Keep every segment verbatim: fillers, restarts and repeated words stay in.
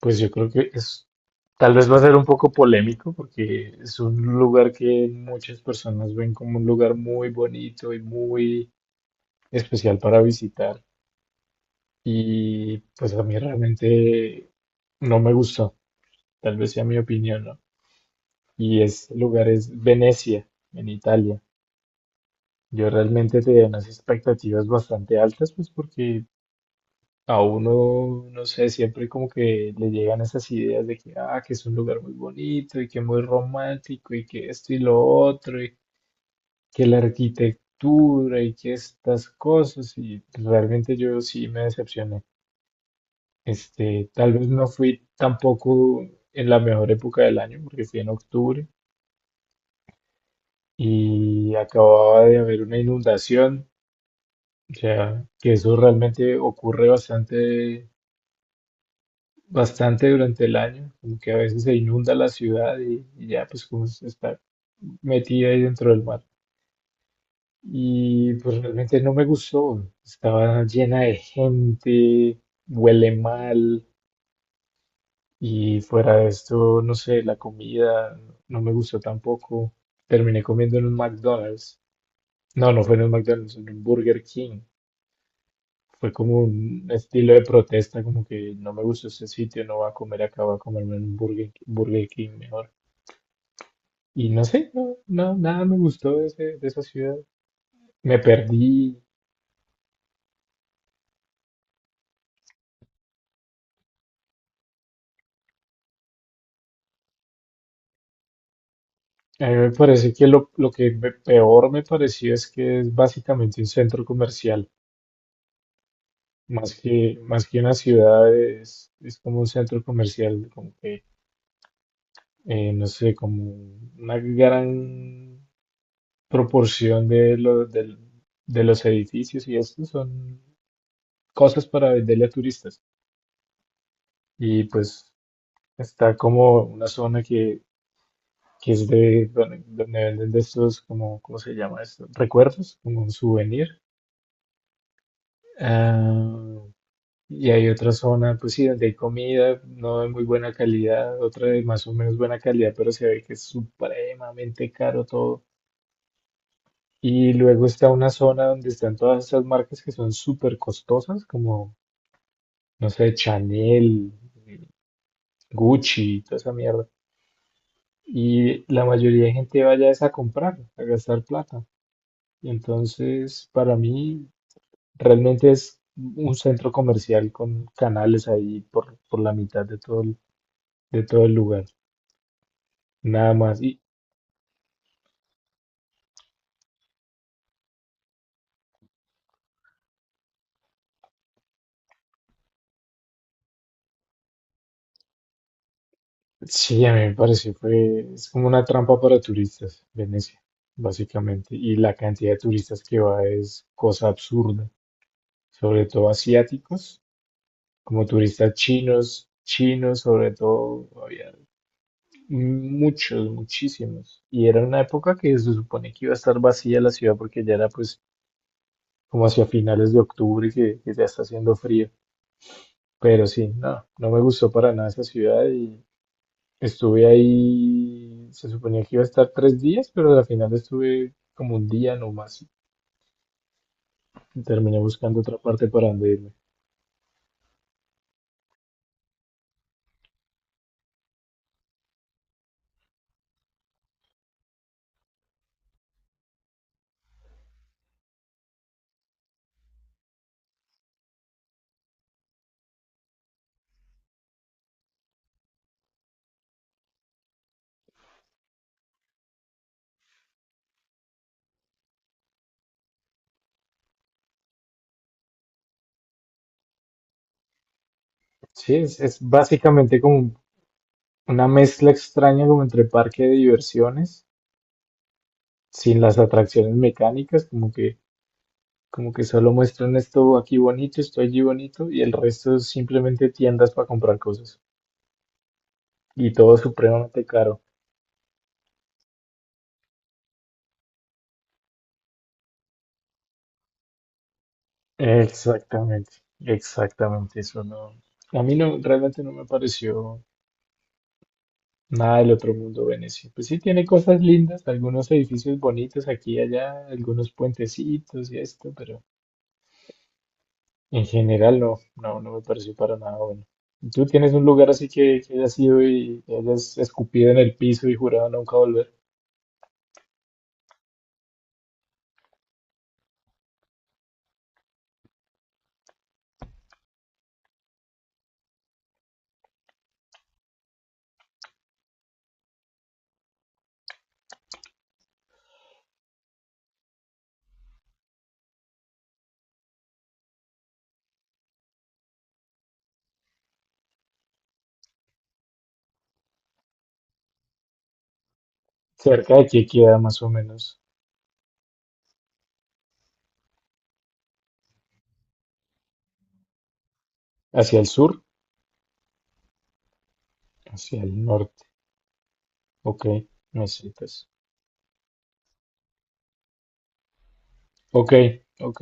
Pues yo creo que es, tal vez va a ser un poco polémico porque es un lugar que muchas personas ven como un lugar muy bonito y muy especial para visitar. Y pues a mí realmente no me gustó, tal vez sea mi opinión, ¿no? Y ese lugar es Venecia, en Italia. Yo realmente tenía unas expectativas bastante altas, pues porque a uno, no sé, siempre como que le llegan esas ideas de que, ah, que es un lugar muy bonito y que muy romántico y que esto y lo otro y que la arquitectura y que estas cosas y realmente yo sí me decepcioné. Este, tal vez no fui tampoco en la mejor época del año porque fui en octubre y acababa de haber una inundación, o sea, que eso realmente ocurre bastante bastante durante el año, como que a veces se inunda la ciudad y, y ya pues como se está metida ahí dentro del mar. Y pues realmente no me gustó, estaba llena de gente, huele mal y fuera de esto, no sé, la comida no me gustó tampoco. Terminé comiendo en un McDonald's. No, no fue en un McDonald's, en un Burger King. Fue como un estilo de protesta, como que no me gustó este sitio, no voy a comer acá, voy a comerme en un Burger Burger King mejor. Y no sé, no, no, nada me gustó de, ese- de esa ciudad. Me perdí. A mí me parece que lo, lo que me- peor me pareció es que es básicamente un centro comercial, más que, más que una ciudad, es, es como un centro comercial, como que, eh, no sé, como una gran proporción de, lo- del- de los edificios y esto son cosas para venderle a turistas. Y pues está como una zona que que es de donde, donde venden de estos, como, ¿cómo se llama esto? Recuerdos, como un souvenir. Ah, y hay otra zona, pues sí, donde hay comida, no de muy buena calidad, otra de más o menos buena calidad, pero se ve que es supremamente caro todo. Y luego está una zona donde están todas estas marcas que son súper costosas, como, no sé, Chanel, Gucci, toda esa mierda. Y la mayoría de gente vaya es a comprar, a gastar plata. Y entonces, para mí, realmente es un centro comercial con canales ahí por, por la mitad de todo el, de todo el lugar. Nada más. Y sí, a mí me pareció, fue, es como una trampa para turistas, Venecia, básicamente. Y la cantidad de turistas que va es cosa absurda, sobre todo asiáticos, como turistas chinos, chinos, sobre todo, había muchos, muchísimos. Y era una época que se supone que iba a estar vacía la ciudad porque ya era pues como hacia finales de octubre que, que ya está haciendo frío. Pero sí, no, no me gustó para nada esa ciudad y estuve ahí, se suponía que iba a estar tres días, pero al final estuve como un día nomás y terminé buscando otra parte para donde irme. Sí, es, es básicamente como un- una mezcla extraña como entre parque de diversiones, sin las atracciones mecánicas, como que, como que solo muestran esto aquí bonito, esto allí bonito y el resto es simplemente tiendas para comprar cosas. Y todo supremamente caro. Exactamente, exactamente, eso no, a mí no, realmente no me pareció nada del otro mundo Venecia. Pues sí tiene cosas lindas, algunos edificios bonitos aquí y allá, algunos puentecitos y esto, pero en general no, no, no me pareció para nada bueno. ¿Tú tienes un lugar así que, que hayas ido y te hayas escupido en el piso y jurado nunca volver? Cerca de aquí queda más o menos, hacia el sur, hacia el norte, ok, mesetas, ok, ok,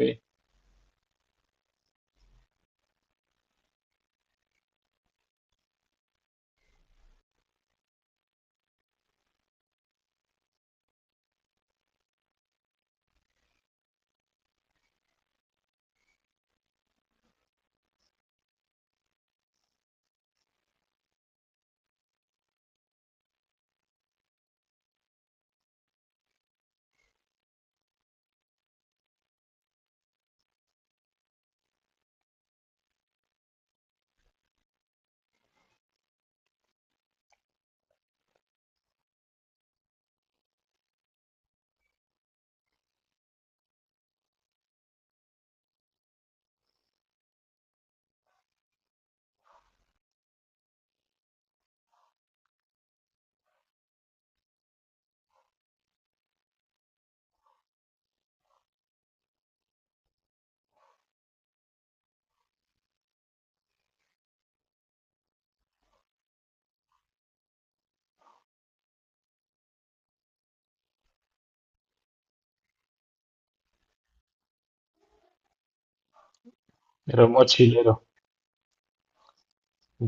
pero mochilero.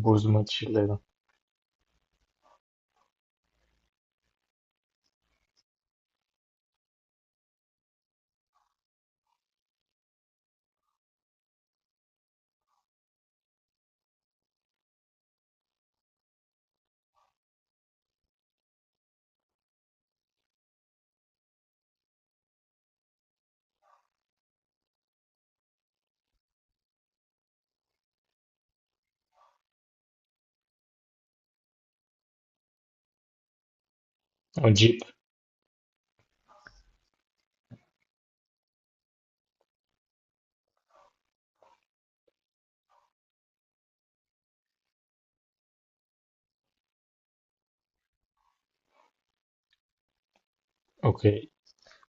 Bus mochilero o jeep, ok.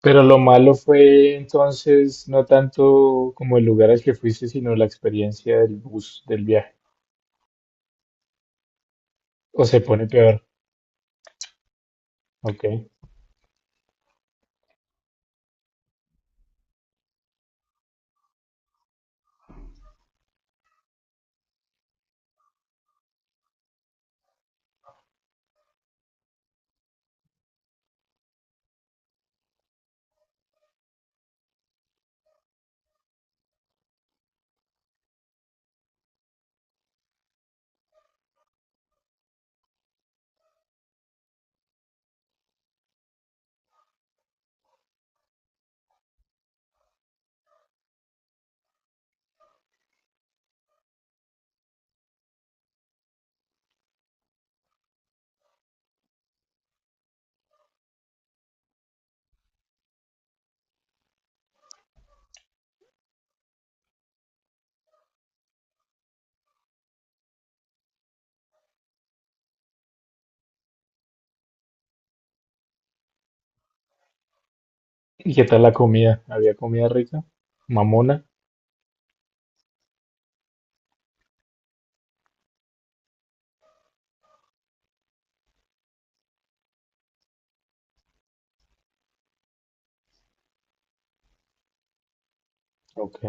Pero lo malo fue entonces no tanto como el lugar al que fuiste, sino la experiencia del bus, del viaje. O se pone peor, ok. ¿Y qué tal la comida? ¿Había comida rica? ¿Mamona? Ok.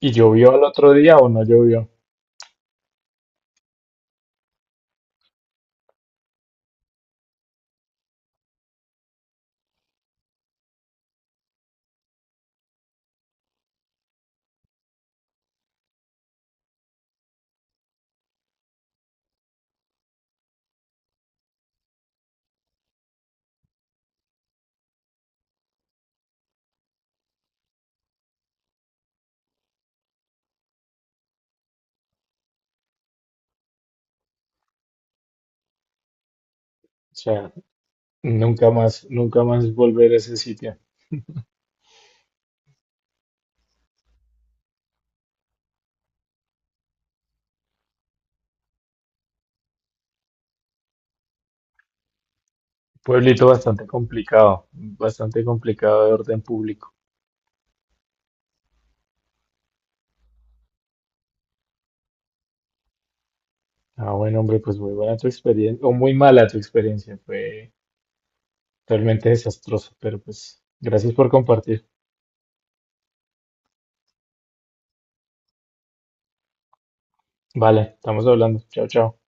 ¿Y llovió al otro día o no llovió? O sea, nunca más, nunca más volver a ese sitio. Pueblito bastante complicado, bastante complicado de orden público. Ah, bueno, hombre, pues muy buena tu experiencia, o muy mala tu experiencia, fue realmente desastroso, pero pues gracias por compartir. Vale, estamos hablando. Chao, chao.